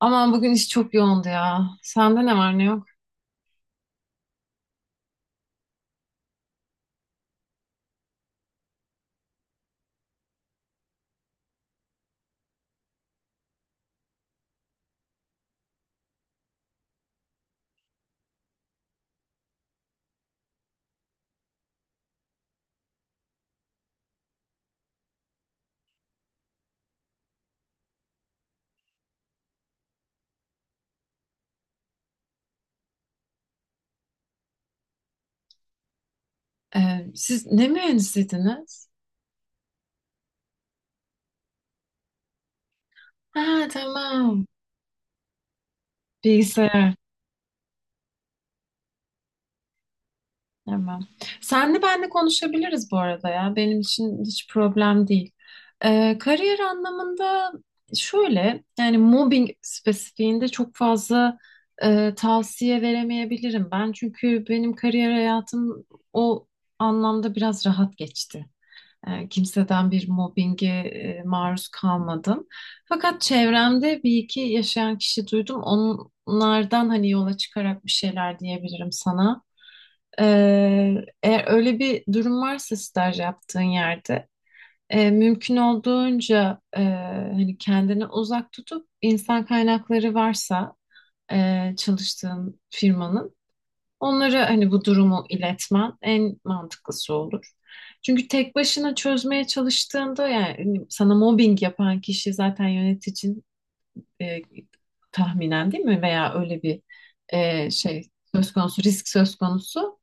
Aman bugün iş çok yoğundu ya. Sende ne var ne yok? Siz ne mühendisiydiniz? Ha tamam. Bilgisayar. Tamam. Senle benle konuşabiliriz bu arada ya. Benim için hiç problem değil. Kariyer anlamında şöyle yani mobbing spesifiğinde çok fazla tavsiye veremeyebilirim ben. Çünkü benim kariyer hayatım o anlamda biraz rahat geçti. Kimseden bir mobbinge maruz kalmadım. Fakat çevremde bir iki yaşayan kişi duydum. Onlardan hani yola çıkarak bir şeyler diyebilirim sana. E, Eğer öyle bir durum varsa staj yaptığın yerde mümkün olduğunca hani kendini uzak tutup insan kaynakları varsa çalıştığın firmanın onlara hani bu durumu iletmen en mantıklısı olur. Çünkü tek başına çözmeye çalıştığında yani hani, sana mobbing yapan kişi zaten yöneticin e, tahminen değil mi? Veya öyle bir şey söz konusu, risk söz konusu.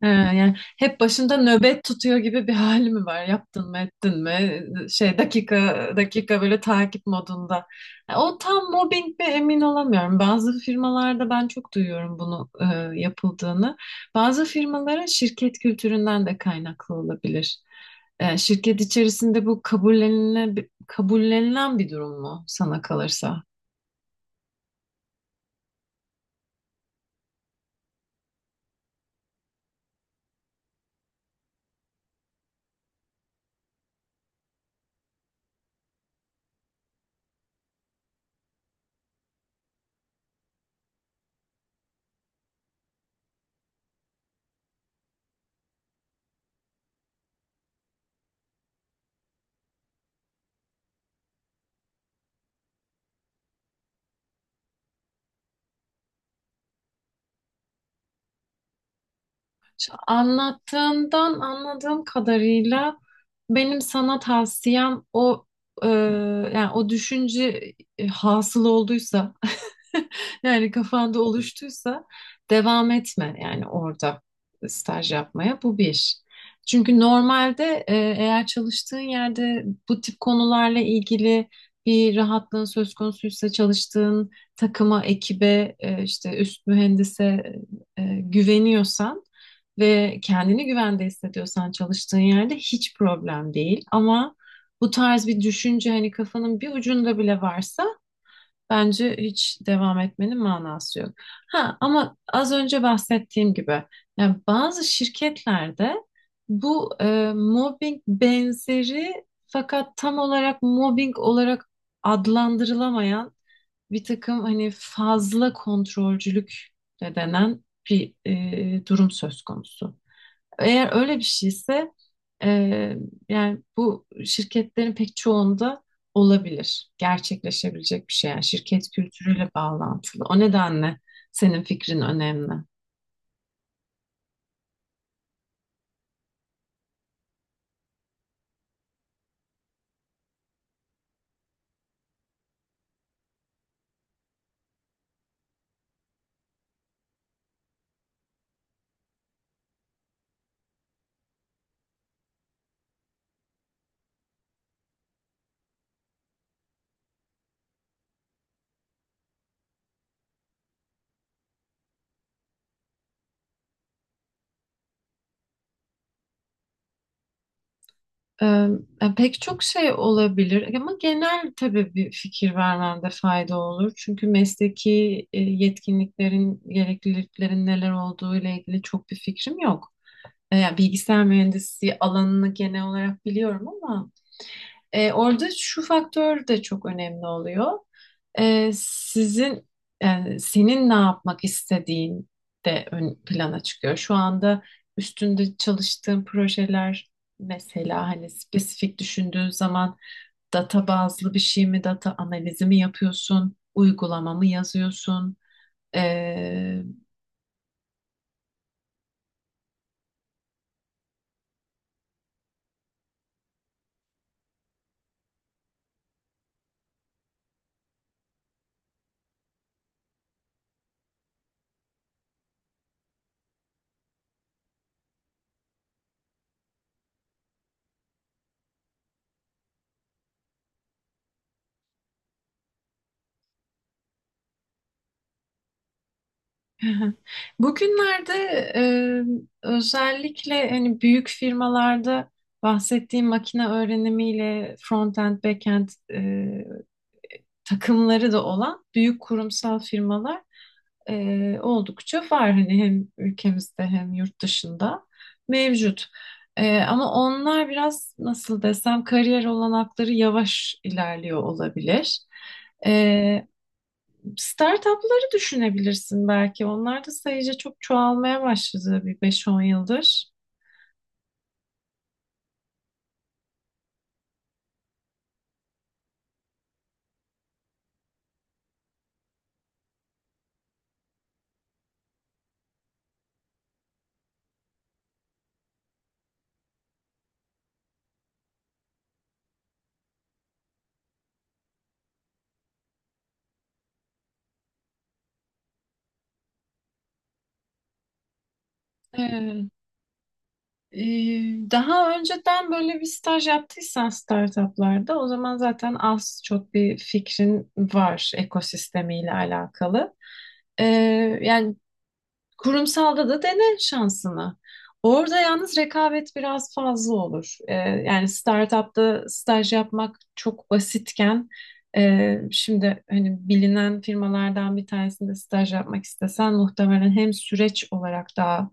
He, yani hep başında nöbet tutuyor gibi bir hali mi var? Yaptın mı, ettin mi? Şey dakika dakika böyle takip modunda. Ya o tam mobbing mi emin olamıyorum. Bazı firmalarda ben çok duyuyorum bunu yapıldığını. Bazı firmaların şirket kültüründen de kaynaklı olabilir. Şirket içerisinde bu kabullenilen bir durum mu sana kalırsa? Anlattığından anladığım kadarıyla benim sana tavsiyem o e, yani o düşünce hasıl olduysa Yani kafanda oluştuysa devam etme yani orada staj yapmaya bu bir. Çünkü normalde eğer çalıştığın yerde bu tip konularla ilgili bir rahatlığın söz konusuysa çalıştığın takıma, ekibe, işte üst mühendise güveniyorsan ve kendini güvende hissediyorsan çalıştığın yerde hiç problem değil. Ama bu tarz bir düşünce hani kafanın bir ucunda bile varsa bence hiç devam etmenin manası yok. Ha ama az önce bahsettiğim gibi yani bazı şirketlerde bu mobbing benzeri fakat tam olarak mobbing olarak adlandırılamayan bir takım hani fazla kontrolcülük de denen bir durum söz konusu. Eğer öyle bir şeyse eee, yani bu şirketlerin pek çoğunda olabilir, gerçekleşebilecek bir şey. Yani şirket kültürüyle bağlantılı. O nedenle senin fikrin önemli. Eee, yani pek çok şey olabilir ama genel tabii bir fikir vermemde fayda olur. Çünkü mesleki yetkinliklerin, gerekliliklerin neler olduğu ile ilgili çok bir fikrim yok. Yani bilgisayar mühendisliği alanını genel olarak biliyorum ama orada şu faktör de çok önemli oluyor. Sizin yani senin ne yapmak istediğin de ön plana çıkıyor. Şu anda üstünde çalıştığın projeler mesela hani spesifik düşündüğün zaman data bazlı bir şey mi, data analizi mi yapıyorsun, uygulama mı yazıyorsun? e, Bugünlerde e, özellikle hani büyük firmalarda bahsettiğim makine öğrenimiyle front-end, back-end takımları da olan büyük kurumsal firmalar oldukça var. Hani hem ülkemizde hem yurt dışında mevcut. Ama onlar biraz nasıl desem kariyer olanakları yavaş ilerliyor olabilir. E, Startupları düşünebilirsin belki. Onlar da sayıca çok çoğalmaya başladı bir beş on yıldır. Ee, e, daha önceden böyle bir staj yaptıysan startuplarda o zaman zaten az çok bir fikrin var ekosistemiyle alakalı. Ee, yani kurumsalda da dene şansını. Orada yalnız rekabet biraz fazla olur. Yani startupta staj yapmak çok basitken şimdi hani bilinen firmalardan bir tanesinde staj yapmak istesen muhtemelen hem süreç olarak daha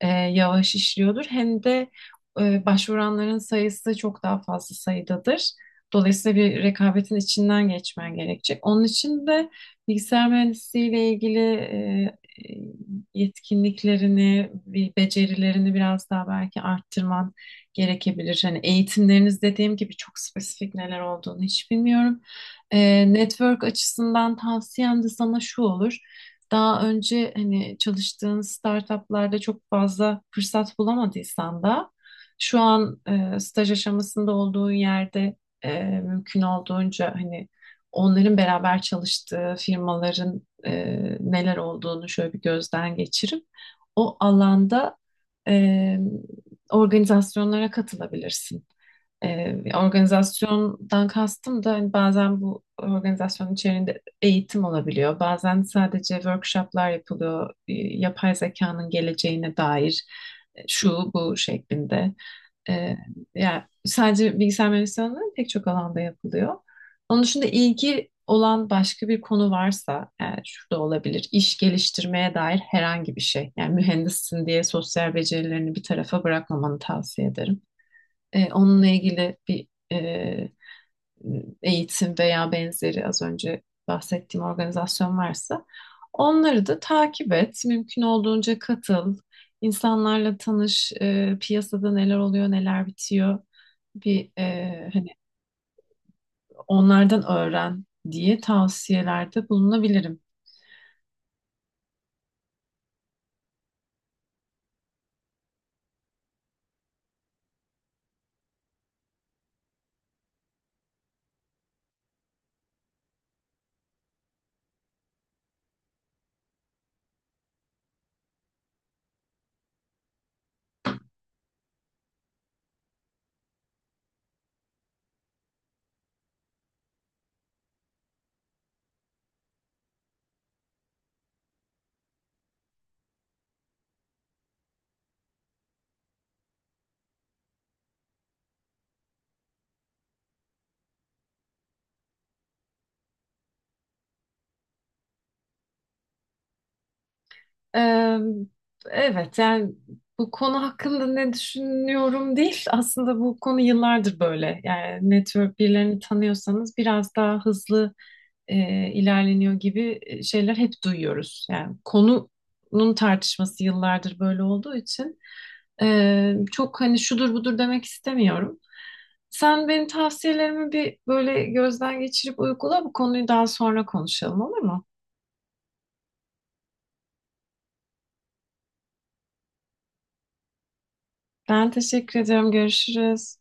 yavaş işliyordur hem de başvuranların sayısı çok daha fazla sayıdadır. Dolayısıyla bir rekabetin içinden geçmen gerekecek. Onun için de bilgisayar mühendisliği ile ilgili e, yetkinliklerini, bir becerilerini biraz daha belki arttırman gerekebilir. Hani eğitimleriniz dediğim gibi çok spesifik neler olduğunu hiç bilmiyorum. Network açısından tavsiyem de sana şu olur. Daha önce hani çalıştığın startuplarda çok fazla fırsat bulamadıysan da şu an staj aşamasında olduğun yerde mümkün olduğunca hani onların beraber çalıştığı firmaların e, neler olduğunu şöyle bir gözden geçirip o alanda e, organizasyonlara katılabilirsin. Organizasyondan kastım da hani bazen bu organizasyonun içerisinde eğitim olabiliyor. Bazen sadece workshoplar yapılıyor. Yapay zekanın geleceğine dair şu bu şeklinde. Ee, yani sadece bilgisayar mühendisliği alanında pek çok alanda yapılıyor. Onun dışında ilgi olan başka bir konu varsa yani şurada olabilir. İş geliştirmeye dair herhangi bir şey. Yani mühendissin diye sosyal becerilerini bir tarafa bırakmamanı tavsiye ederim. Onunla ilgili bir e, eğitim veya benzeri az önce bahsettiğim organizasyon varsa onları da takip et. Mümkün olduğunca katıl. İnsanlarla tanış, piyasada neler oluyor, neler bitiyor bir hani onlardan öğren diye tavsiyelerde bulunabilirim. Ee, evet yani bu konu hakkında ne düşünüyorum değil. Aslında bu konu yıllardır böyle. Yani network birilerini tanıyorsanız biraz daha hızlı ilerleniyor gibi şeyler hep duyuyoruz. Yani konunun tartışması yıllardır böyle olduğu için çok hani şudur budur demek istemiyorum. Sen benim tavsiyelerimi bir böyle gözden geçirip uygula bu konuyu daha sonra konuşalım olur mu? Ben teşekkür ediyorum. Görüşürüz.